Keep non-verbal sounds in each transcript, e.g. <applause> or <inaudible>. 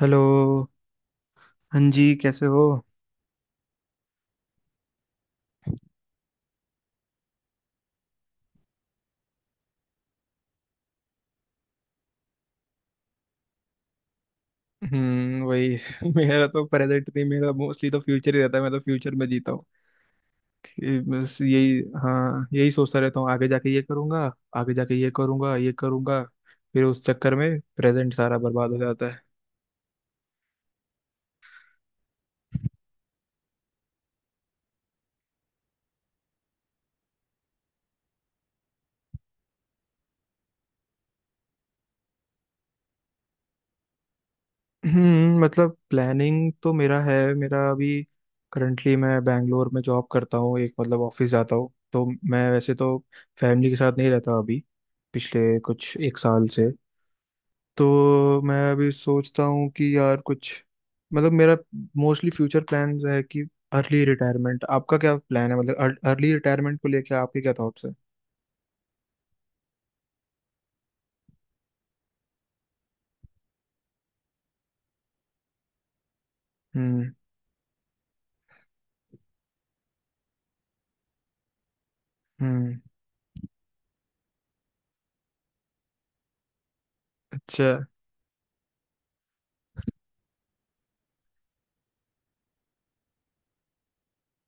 Hello. हाँ जी, कैसे हो। हम्म, वही <laughs> मेरा तो प्रेजेंट नहीं, मेरा मोस्टली तो फ्यूचर ही रहता है। मैं तो फ्यूचर में जीता हूँ। ये बस यही, हाँ, यही सोचता रहता हूँ आगे जाके ये करूंगा, आगे जाके ये करूंगा, ये करूंगा। फिर उस चक्कर में प्रेजेंट सारा बर्बाद हो जाता है। हम्म, मतलब प्लानिंग तो मेरा अभी, करंटली मैं बैंगलोर में जॉब करता हूँ। एक मतलब ऑफिस जाता हूँ, तो मैं वैसे तो फैमिली के साथ नहीं रहता अभी, पिछले कुछ 1 साल से। तो मैं अभी सोचता हूँ कि यार कुछ, मतलब मेरा मोस्टली फ्यूचर प्लान है कि अर्ली रिटायरमेंट। आपका क्या प्लान है, मतलब अर्ली रिटायरमेंट को लेके आपके क्या थॉट्स है। हम्म। हम्म। अच्छा।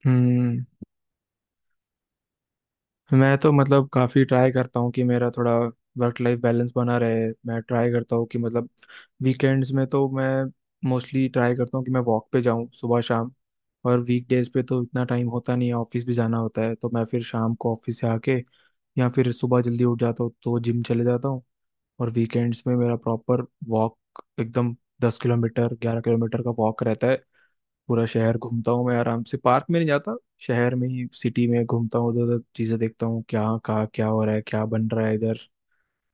हम्म। मैं तो मतलब काफ़ी ट्राई करता हूँ कि मेरा थोड़ा वर्क लाइफ बैलेंस बना रहे। मैं ट्राई करता हूँ कि मतलब वीकेंड्स में तो मैं मोस्टली ट्राई करता हूँ कि मैं वॉक पे जाऊँ सुबह शाम। और वीकडेज पे तो इतना टाइम होता नहीं है, ऑफिस भी जाना होता है, तो मैं फिर शाम को ऑफिस से आके या फिर सुबह जल्दी उठ जाता हूँ तो जिम चले जाता हूँ। और वीकेंड्स में मेरा प्रॉपर वॉक, एकदम 10 किलोमीटर 11 किलोमीटर का वॉक रहता है। पूरा शहर घूमता हूँ मैं आराम से, पार्क में नहीं जाता, शहर में ही, सिटी में घूमता हूँ, उधर उधर चीजें देखता हूँ क्या कहाँ क्या हो रहा है, क्या बन रहा है इधर।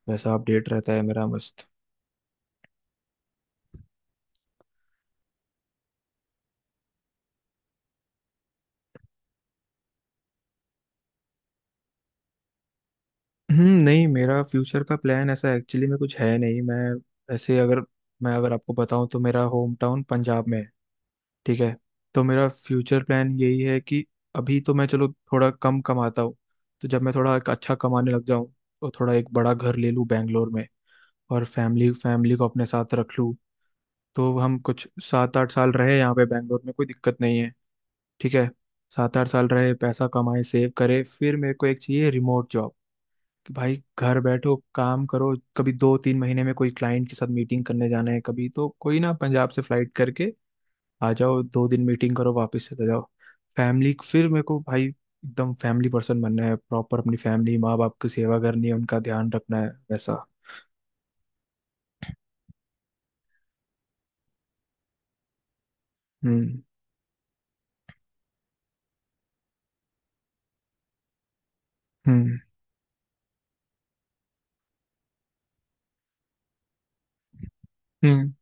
वैसा अपडेट रहता है मेरा मस्त। नहीं, मेरा फ्यूचर का प्लान ऐसा एक्चुअली में कुछ है नहीं। मैं ऐसे अगर, मैं अगर आपको बताऊं तो मेरा होम टाउन पंजाब में है। ठीक है। तो मेरा फ्यूचर प्लान यही है कि अभी तो मैं, चलो, थोड़ा कम कमाता हूँ, तो जब मैं थोड़ा एक अच्छा कमाने लग जाऊं तो थोड़ा एक बड़ा घर ले लूं बैंगलोर में और फैमिली, फैमिली को अपने साथ रख लूं। तो हम कुछ 7-8 साल रहे यहाँ पे बैंगलोर में, कोई दिक्कत नहीं है। ठीक है, 7-8 साल रहे, पैसा कमाए, सेव करे, फिर मेरे को एक चाहिए रिमोट जॉब कि भाई घर बैठो काम करो, कभी 2-3 महीने में कोई क्लाइंट के साथ मीटिंग करने जाना है कभी, तो कोई ना, पंजाब से फ्लाइट करके आ जाओ, 2 दिन मीटिंग करो, वापस चले जाओ। फैमिली, फिर मेरे को भाई एकदम फैमिली पर्सन बनना है, प्रॉपर अपनी फैमिली, माँ बाप की सेवा करनी है, उनका ध्यान रखना है, वैसा। हम्म। हम्म। हम्म।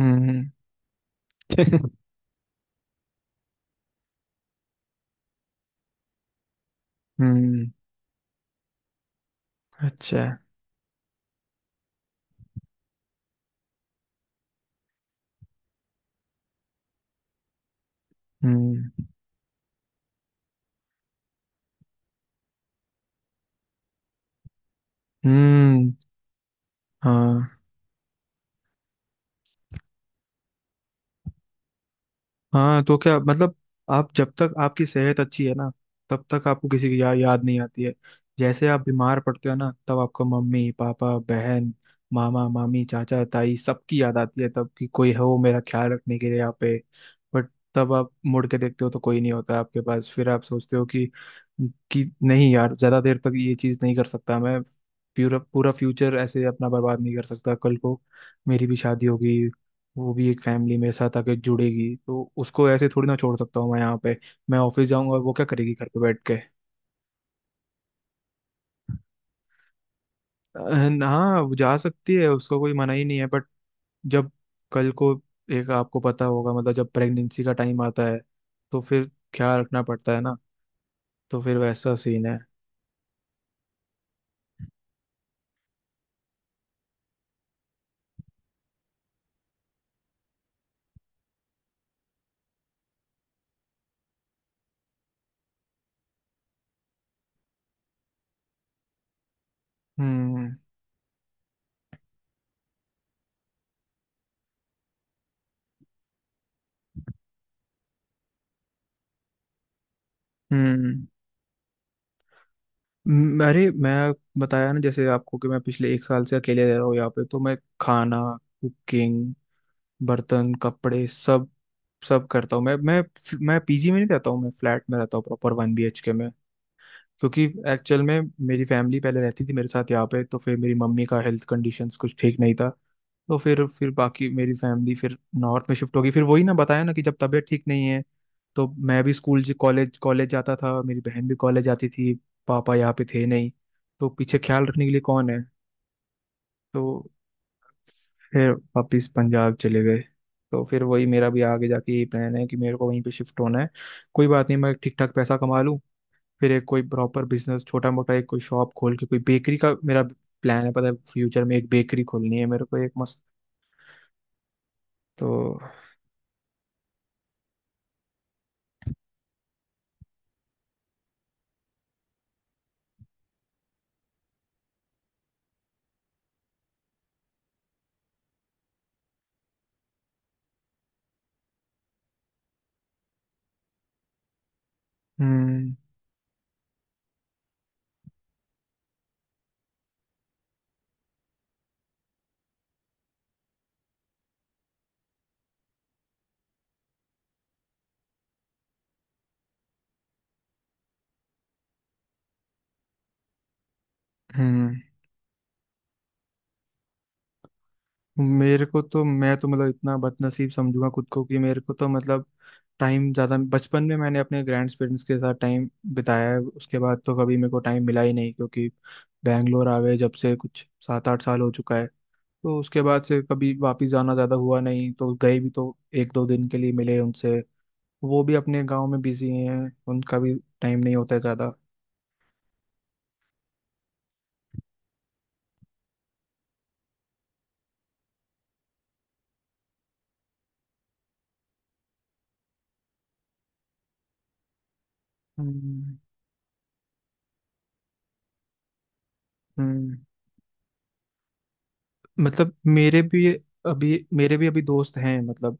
हम्म। <laughs> हम्म। अच्छा। हम्म। हम्म। हाँ। हाँ, तो क्या मतलब, आप जब तक आपकी सेहत अच्छी है ना, तब तक आपको किसी की याद नहीं आती है। जैसे आप बीमार पड़ते हो ना, तब आपको मम्मी पापा बहन, मामा मामी चाचा ताई सबकी याद आती है, तब कि कोई हो मेरा ख्याल रखने के लिए यहाँ पे। बट तब आप मुड़ के देखते हो तो कोई नहीं होता आपके पास, फिर आप सोचते हो कि नहीं यार, ज्यादा देर तक ये चीज नहीं कर सकता मैं, पूरा पूरा फ्यूचर ऐसे अपना बर्बाद नहीं कर सकता। कल को मेरी भी शादी होगी, वो भी एक फैमिली मेरे साथ आके जुड़ेगी, तो उसको ऐसे थोड़ी ना छोड़ सकता हूँ मैं यहाँ पे। मैं ऑफिस जाऊंगा और वो क्या करेगी घर पे बैठ के। अ, हाँ, वो जा सकती है, उसको कोई मना ही नहीं है, बट जब कल को, एक आपको पता होगा मतलब जब प्रेगनेंसी का टाइम आता है तो फिर ख्याल रखना पड़ता है ना, तो फिर वैसा सीन है। हम्म। हम्म। अरे मैं बताया ना जैसे आपको कि मैं पिछले 1 साल से अकेले रह रहा हूँ यहाँ पे, तो मैं खाना, कुकिंग, बर्तन, कपड़े, सब सब करता हूँ। मैं पीजी में नहीं रहता हूँ, मैं फ्लैट में रहता हूँ, प्रॉपर 1 BHK में। क्योंकि एक्चुअल में मेरी फैमिली पहले रहती थी मेरे साथ यहाँ पे, तो फिर मेरी मम्मी का हेल्थ कंडीशंस कुछ ठीक नहीं था, तो फिर बाकी मेरी फैमिली फिर नॉर्थ में शिफ्ट हो गई। फिर वही ना, बताया ना कि जब तबीयत ठीक नहीं है, तो मैं भी स्कूल कॉलेज कॉलेज जाता था, मेरी बहन भी कॉलेज जाती थी, पापा यहाँ पे थे नहीं, तो पीछे ख्याल रखने के लिए कौन है। तो फिर वापिस पंजाब चले गए। तो फिर वही मेरा भी आगे जाके यही प्लान है कि मेरे को वहीं पे शिफ्ट होना है। कोई बात नहीं, मैं ठीक ठाक पैसा कमा लूँ, फिर एक कोई प्रॉपर बिजनेस छोटा मोटा, एक कोई शॉप खोल के, कोई बेकरी का मेरा प्लान है, पता है, फ्यूचर में एक बेकरी खोलनी है मेरे को एक मस्त। तो हम्म। हम्म। मेरे को तो, मैं तो मतलब इतना बदनसीब समझूंगा खुद को कि मेरे को तो मतलब, टाइम ज़्यादा बचपन में मैंने अपने ग्रैंड पेरेंट्स के साथ टाइम बिताया है, उसके बाद तो कभी मेरे को टाइम मिला ही नहीं, क्योंकि बैंगलोर आ गए जब से कुछ 7-8 साल हो चुका है, तो उसके बाद से कभी वापस जाना ज़्यादा हुआ नहीं, तो गए भी तो 1-2 दिन के लिए मिले उनसे। वो भी अपने गाँव में बिजी हैं, उनका भी टाइम नहीं होता है ज़्यादा। हम्म। हम्म, मतलब मेरे भी अभी दोस्त हैं, मतलब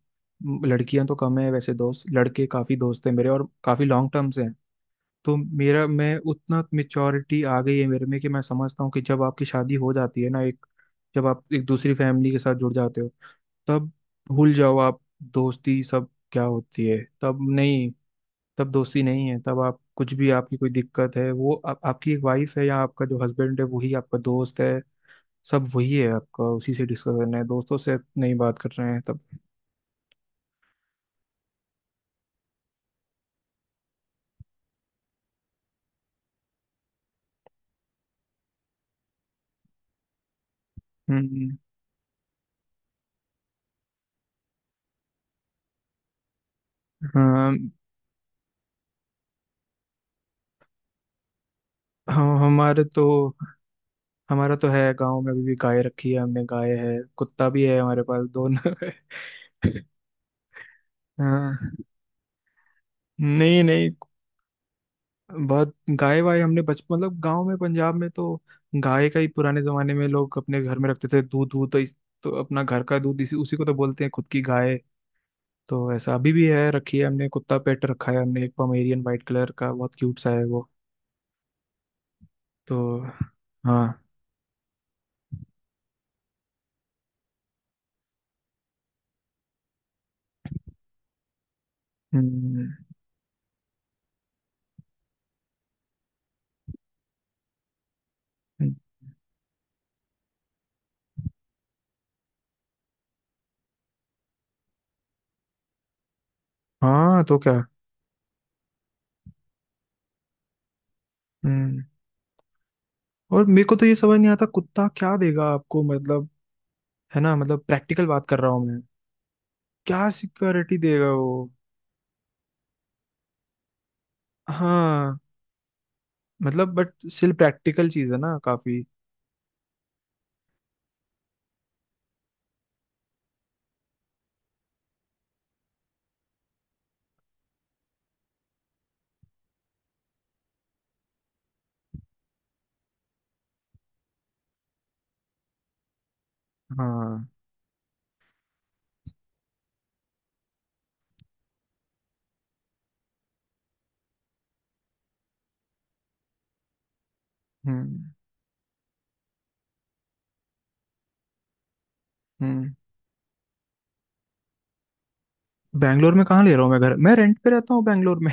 लड़कियां तो कम है, वैसे दोस्त, लड़के काफी दोस्त हैं मेरे और काफी लॉन्ग टर्म से हैं। तो मेरा, मैं उतना मेच्योरिटी आ गई है मेरे में कि मैं समझता हूँ कि जब आपकी शादी हो जाती है ना, एक, जब आप एक दूसरी फैमिली के साथ जुड़ जाते हो, तब भूल जाओ आप दोस्ती सब क्या होती है, तब नहीं, तब दोस्ती नहीं है। तब आप कुछ भी, आपकी कोई दिक्कत है, वो आपकी एक वाइफ है या आपका जो हस्बैंड है वही आपका दोस्त है। सब वही है आपका, उसी से डिस्कस करना है, दोस्तों से नहीं बात कर रहे हैं तब। हम्म। हाँ, हम हमारे तो, हमारा तो है गांव में, अभी भी गाय रखी है हमने, गाय है, कुत्ता भी है हमारे पास, दोनों है <laughs> हाँ, नहीं नहीं, बहुत गाय वाय हमने बच मतलब गांव में, पंजाब में तो गाय का ही पुराने जमाने में लोग अपने घर में रखते थे दूध, तो अपना घर का दूध, इसी, उसी को तो बोलते हैं खुद की गाय। तो ऐसा अभी भी है, रखी है हमने, कुत्ता पेट रखा है हमने, एक पमेरियन वाइट कलर का बहुत क्यूट सा है वो। तो हाँ। हम्म। हाँ तो क्या। हम्म। और मेरे को तो ये समझ नहीं आता कुत्ता क्या देगा आपको मतलब, है ना, मतलब प्रैक्टिकल बात कर रहा हूँ मैं। क्या सिक्योरिटी देगा वो। हाँ, मतलब बट स्टिल प्रैक्टिकल चीज है ना काफी। हाँ। हम्म। हम्म। बैंगलोर में कहाँ ले रहा हूँ मैं घर, मैं रेंट पे रहता हूँ बैंगलोर में।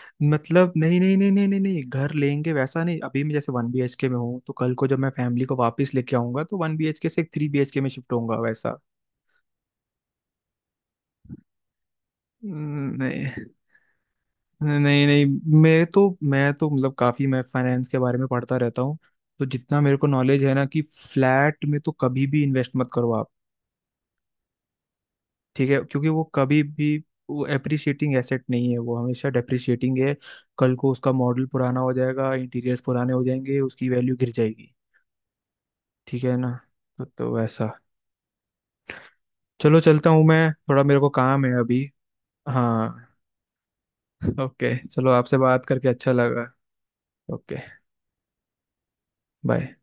<laughs> मतलब नहीं नहीं नहीं नहीं नहीं नहीं, घर लेंगे वैसा नहीं, अभी मैं जैसे 1 BHK में हूँ, तो कल को जब मैं फैमिली को वापस लेके आऊंगा तो 1 BHK से एक 3 BHK में शिफ्ट होऊंगा वैसा। नहीं, नहीं नहीं। मेरे तो, मैं तो मतलब काफी मैं फाइनेंस के बारे में पढ़ता रहता हूँ, तो जितना मेरे को नॉलेज है ना, कि फ्लैट में तो कभी भी इन्वेस्ट मत करो आप। ठीक है, क्योंकि वो कभी भी, वो एप्रिशिएटिंग एसेट नहीं है, वो हमेशा डेप्रिशिएटिंग है। कल को उसका मॉडल पुराना हो जाएगा, इंटीरियर्स पुराने हो जाएंगे, उसकी वैल्यू गिर जाएगी। ठीक है ना। तो वैसा। चलो, चलता हूँ मैं थोड़ा, मेरे को काम है अभी। हाँ। ओके चलो, आपसे बात करके अच्छा लगा। ओके। बाय।